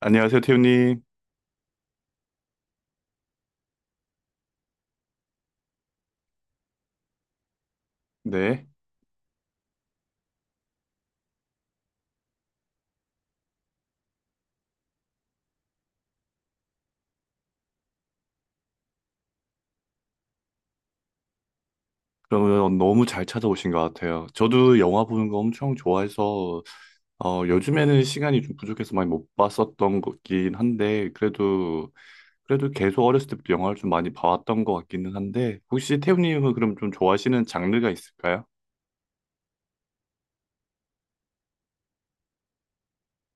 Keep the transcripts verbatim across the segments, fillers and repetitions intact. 안녕하세요, 태우님. 네. 그러면 너무 잘 찾아오신 것 같아요. 저도 영화 보는 거 엄청 좋아해서, 어, 요즘에는 시간이 좀 부족해서 많이 못 봤었던 것긴 한데, 그래도, 그래도 계속 어렸을 때부터 영화를 좀 많이 봐왔던 것 같기는 한데, 혹시 태우님은 그럼 좀 좋아하시는 장르가 있을까요?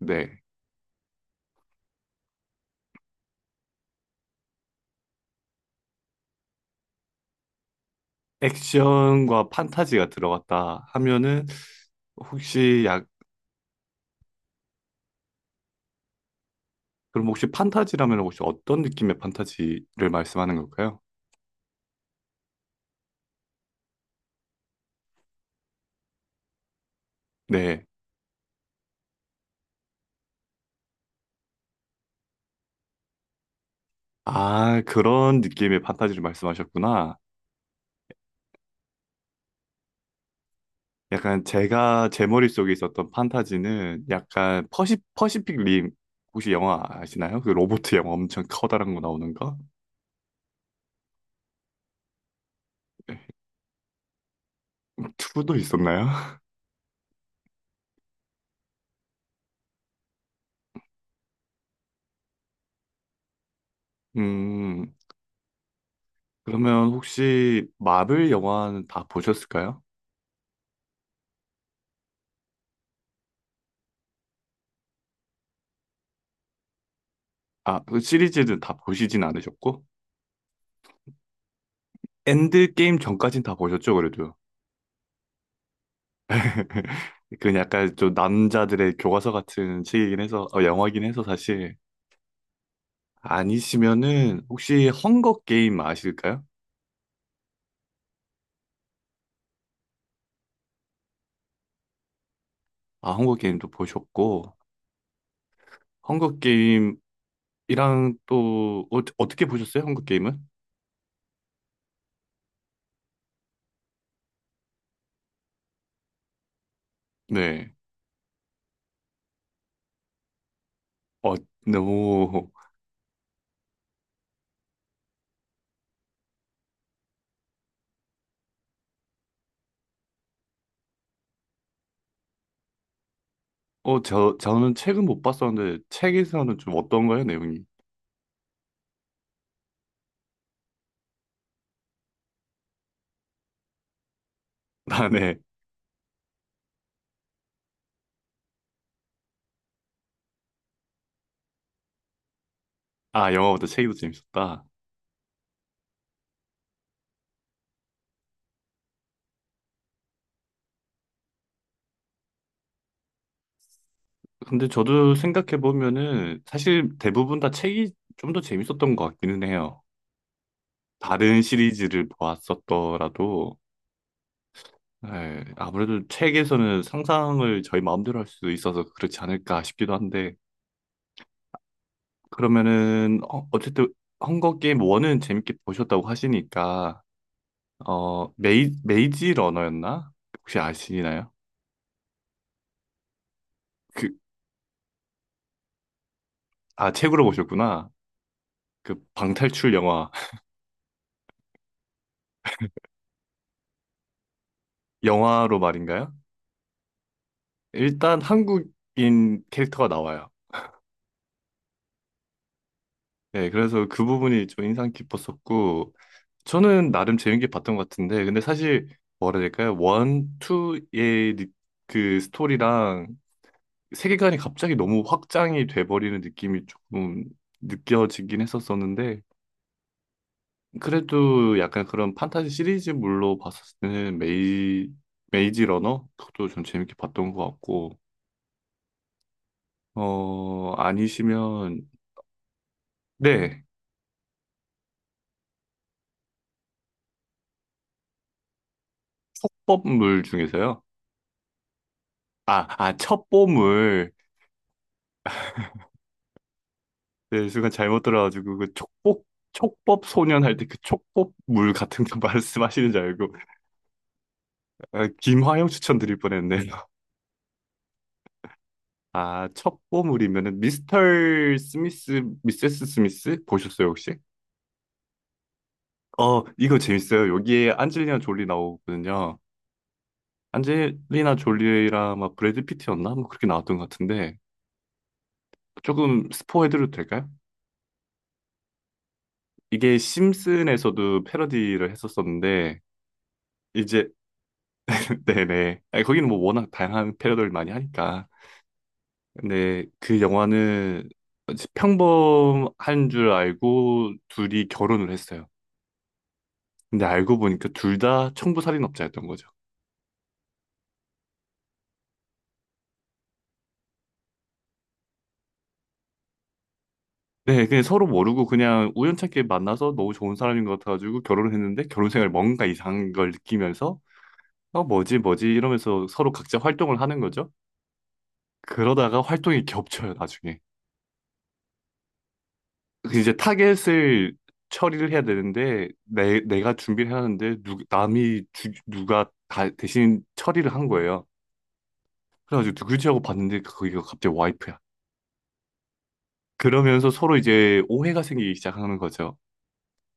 네. 액션과 판타지가 들어갔다 하면은, 혹시 약, 그럼 혹시 판타지라면 혹시 어떤 느낌의 판타지를 말씀하는 걸까요? 네. 아, 그런 느낌의 판타지를 말씀하셨구나. 약간 제가 제 머릿속에 있었던 판타지는 약간 퍼시, 퍼시픽 림 혹시 영화 아시나요? 그 로보트 영화 엄청 커다란 거 나오는 거? 투도 있었나요? 음, 그러면 혹시 마블 영화는 다 보셨을까요? 아, 그 시리즈는 다 보시진 않으셨고? 엔드게임 전까진 다 보셨죠, 그래도? 그 약간 좀 남자들의 교과서 같은 책이긴 해서, 어, 영화긴 해서 사실. 아니시면은 혹시 헝거 게임 아실까요? 아, 헝거 게임도 보셨고 헝거 게임이랑 또 어, 어떻게 보셨어요? 헝거 게임은? 네. 어, 너무 어, 저 저는 책은 못 봤었는데 책에서는 좀 어떤가요, 내용이? 아, 네. 아, 영화보다 책이 더 재밌었다. 근데 저도 생각해 보면은 사실 대부분 다 책이 좀 더 재밌었던 것 같기는 해요. 다른 시리즈를 보았었더라도 네, 아무래도 책에서는 상상을 저희 마음대로 할 수도 있어서 그렇지 않을까 싶기도 한데, 그러면은, 어, 어쨌든, 헝거 게임 일은 재밌게 보셨다고 하시니까, 어, 메이, 메이지 러너였나? 혹시 아시나요? 그, 아, 책으로 보셨구나. 그 방탈출 영화. 영화로 말인가요? 일단 한국인 캐릭터가 나와요. 네, 그래서 그 부분이 좀 인상 깊었었고, 저는 나름 재밌게 봤던 것 같은데, 근데 사실 뭐라 해야 될까요? 원, 투의 느- 그 스토리랑 세계관이 갑자기 너무 확장이 돼버리는 느낌이 조금 느껴지긴 했었었는데, 그래도 약간 그런 판타지 시리즈물로 봤을 때는 메이, 메이지 러너? 그것도 좀 재밌게 봤던 것 같고, 어, 아니시면, 네, 촉법물 중에서요. 아, 아, 첩보물. 네, 순간 잘못 들어가지고 그 촉법 촉법 소년 할 때 그 촉법 물 같은 거 말씀하시는 줄 알고 아, 김화영 추천드릴 뻔했네. 요 아, 첩보물이면은 미스터 스미스, 미세스 스미스 보셨어요, 혹시? 어, 이거 재밌어요. 여기에 안젤리나 졸리 나오거든요. 안젤리나 졸리랑 막 브래드 피트였나? 뭐 그렇게 나왔던 것 같은데 조금 스포해드려도 될까요? 이게 심슨에서도 패러디를 했었었는데 이제 네네. 아니, 거기는 뭐 워낙 다양한 패러디를 많이 하니까. 근데 그 영화는 평범한 줄 알고 둘이 결혼을 했어요. 근데 알고 보니까 둘 다 청부살인업자였던 거죠. 네, 그냥 서로 모르고 그냥 우연찮게 만나서 너무 좋은 사람인 것 같아가지고 결혼을 했는데 결혼 생활 뭔가 이상한 걸 느끼면서 어 뭐지 뭐지 이러면서 서로 각자 활동을 하는 거죠. 그러다가 활동이 겹쳐요 나중에. 그 이제 타겟을 처리를 해야 되는데 내 내가 준비를 해는데 누 남이 주, 누가 다 대신 처리를 한 거예요. 그래가지고 누구지 하고 봤는데 거기가 갑자기 와이프야. 그러면서 서로 이제 오해가 생기기 시작하는 거죠.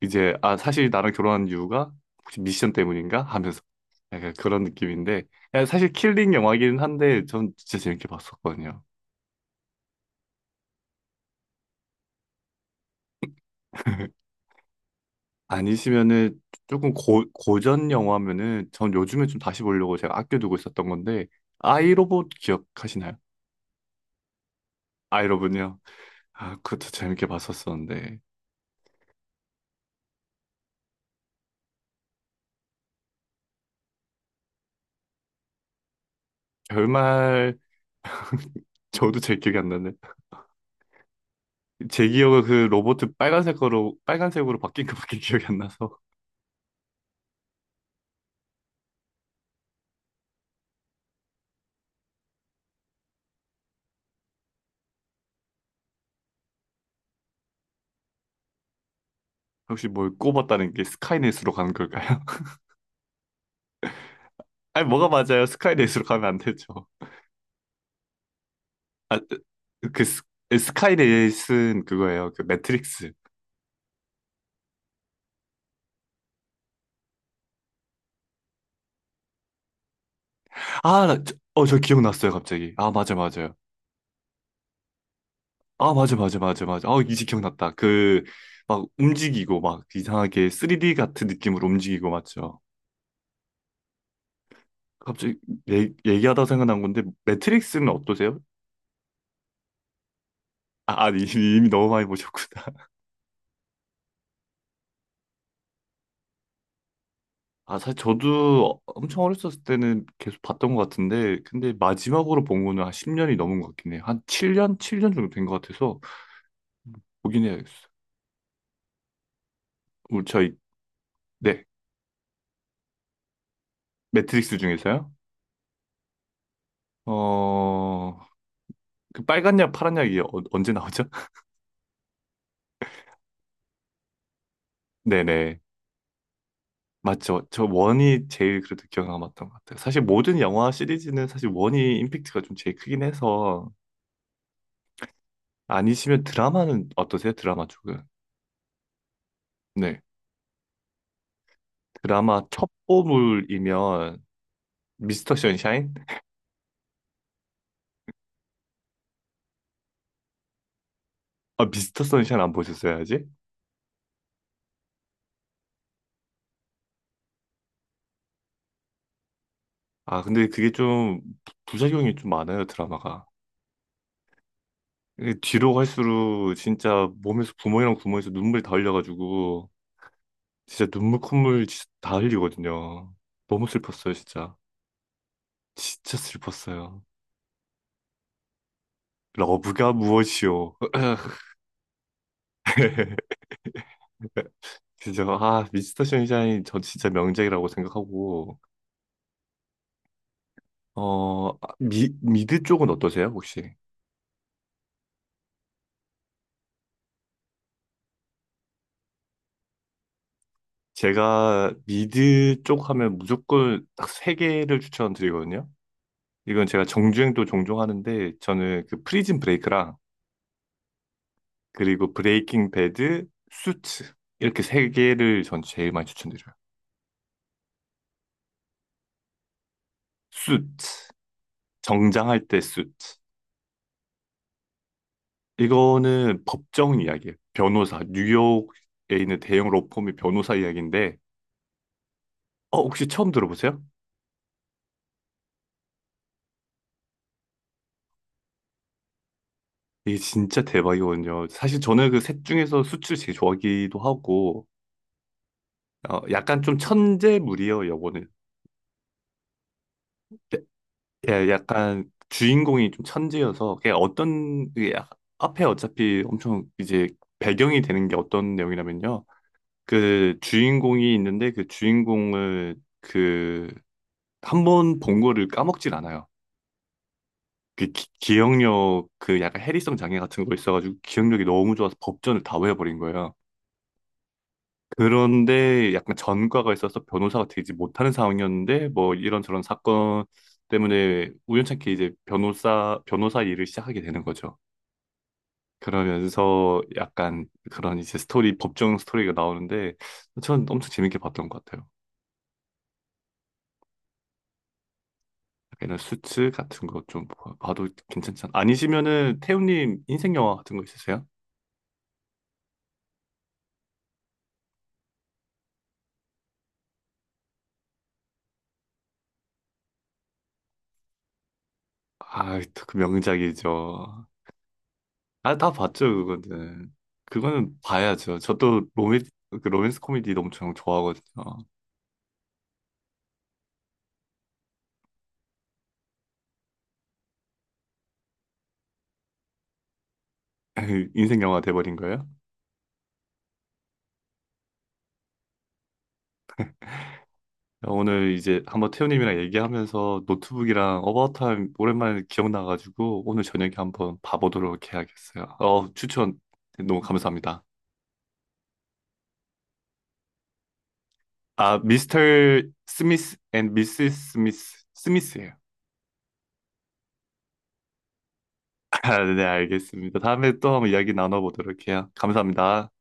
이제 아 사실 나랑 결혼한 이유가 혹시 미션 때문인가 하면서 약간 그런 느낌인데 야, 사실 킬링 영화이긴 한데 전 진짜 재밌게 봤었거든요. 아니시면은 조금 고, 고전 영화면은 전 요즘에 좀 다시 보려고 제가 아껴두고 있었던 건데 아이로봇 기억하시나요? 아이로봇요? 아 그것도 재밌게 봤었었는데 결말 저도 제 기억이 안 나네. 제 기억은 그 로봇 빨간색 으로 빨간색으로 바뀐 것밖에 기억이 안 나서 혹시 뭘 꼽았다는 게 스카이넷으로 가는 걸까요? 아니 뭐가 맞아요? 스카이넷으로 가면 안 되죠. 아, 그 스, 스카이넷은 그거예요. 그 매트릭스. 아, 나- 저- 어, 저 기억났어요, 갑자기. 아, 맞아, 맞아요. 아, 맞아, 맞아, 맞아, 맞아. 아, 이제 기억났다. 그, 막 움직이고, 막 이상하게 쓰리디 같은 느낌으로 움직이고, 맞죠? 갑자기 얘, 얘기하다 생각난 건데, 매트릭스는 어떠세요? 아, 아니, 이미 너무 많이 보셨구나. 아, 사실 저도 엄청 어렸었을 때는 계속 봤던 것 같은데, 근데 마지막으로 본 거는 한 십 년이 넘은 것 같긴 해요. 한 칠 년? 칠 년 정도 된 것 같아서, 보긴 해야겠어요. 우리 저희, 네, 매트릭스 중에서요? 어, 그 빨간 약, 파란 약이 어- 언제 나오죠? 네네. 맞죠. 저 원이 제일 그래도 기억 남았던 것 같아요. 사실 모든 영화 시리즈는 사실 원이 임팩트가 좀 제일 크긴 해서 아니시면 드라마는 어떠세요? 드라마 쪽은. 네. 드라마 첩보물이면 미스터 선샤인? 아, 미스터 선샤인 안 보셨어야지. 아, 근데 그게 좀 부- 부작용이 좀 많아요, 드라마가. 이게 뒤로 갈수록 진짜 몸에서 구멍이랑 구멍에서 눈물이 다 흘려가지고 진짜 눈물 콧물 진짜 다 흘리거든요. 너무 슬펐어요, 진짜. 진짜 슬펐어요. 러브가 무엇이오? 진짜 아 미스터 션샤인 저 진짜 명작이라고 생각하고 어 아, 미, 미드 쪽은 어떠세요 혹시? 제가 미드 쪽 하면 무조건 딱 세 개를 추천드리거든요. 이건 제가 정주행도 종종 하는데 저는 그 프리즌 브레이크랑 그리고 브레이킹 배드, 수트 이렇게 세 개를 전 제일 많이 추천드려요. 수트 정장할 때 수트 이거는 법정 이야기예요. 변호사. 뉴욕에 있는 대형 로펌의 변호사 이야기인데, 어, 혹시 처음 들어보세요? 이게 진짜 대박이거든요. 사실 저는 그 셋 중에서 수출 제일 좋아하기도 하고, 어, 약간 좀 천재물이에요, 요거는. 예, 예, 약간 주인공이 좀 천재여서, 그냥 어떤, 이게 약- 앞에 어차피 엄청 이제 배경이 되는 게 어떤 내용이냐면요. 그 주인공이 있는데 그 주인공을 그, 한 번 본 거를 까먹질 않아요. 그 기, 기억력 그 약간 해리성 장애 같은 거 있어가지고 기억력이 너무 좋아서 법전을 다 외워버린 거야. 그런데 약간 전과가 있어서 변호사가 되지 못하는 상황이었는데 뭐 이런저런 사건 때문에 우연찮게 이제 변호사 변호사 일을 시작하게 되는 거죠. 그러면서 약간 그런 이제 스토리 법정 스토리가 나오는데 전 엄청 재밌게 봤던 것 같아요. 약간 이런 수츠 같은 거 좀 봐도 괜찮지 않... 아니시면은 태우님 인생 영화 같은 거 있으세요? 아, 또그 명작이죠. 아, 다 봤죠, 그거는. 그거는 봐야죠. 저도 로맨, 그 로맨스 코미디 엄청 좋아하거든요. 인생 영화 돼버린 거예요? 오늘 이제 한번 태우님이랑 얘기하면서 노트북이랑 어바웃 타임 오랜만에 기억나가지고 오늘 저녁에 한번 봐보도록 해야겠어요. 어, 추천 너무 감사합니다. 아, 미스터 스미스 앤 미스 스미스, 스미스예요. 아, 네, 알겠습니다. 다음에 또 한번 이야기 나눠보도록 해요. 감사합니다.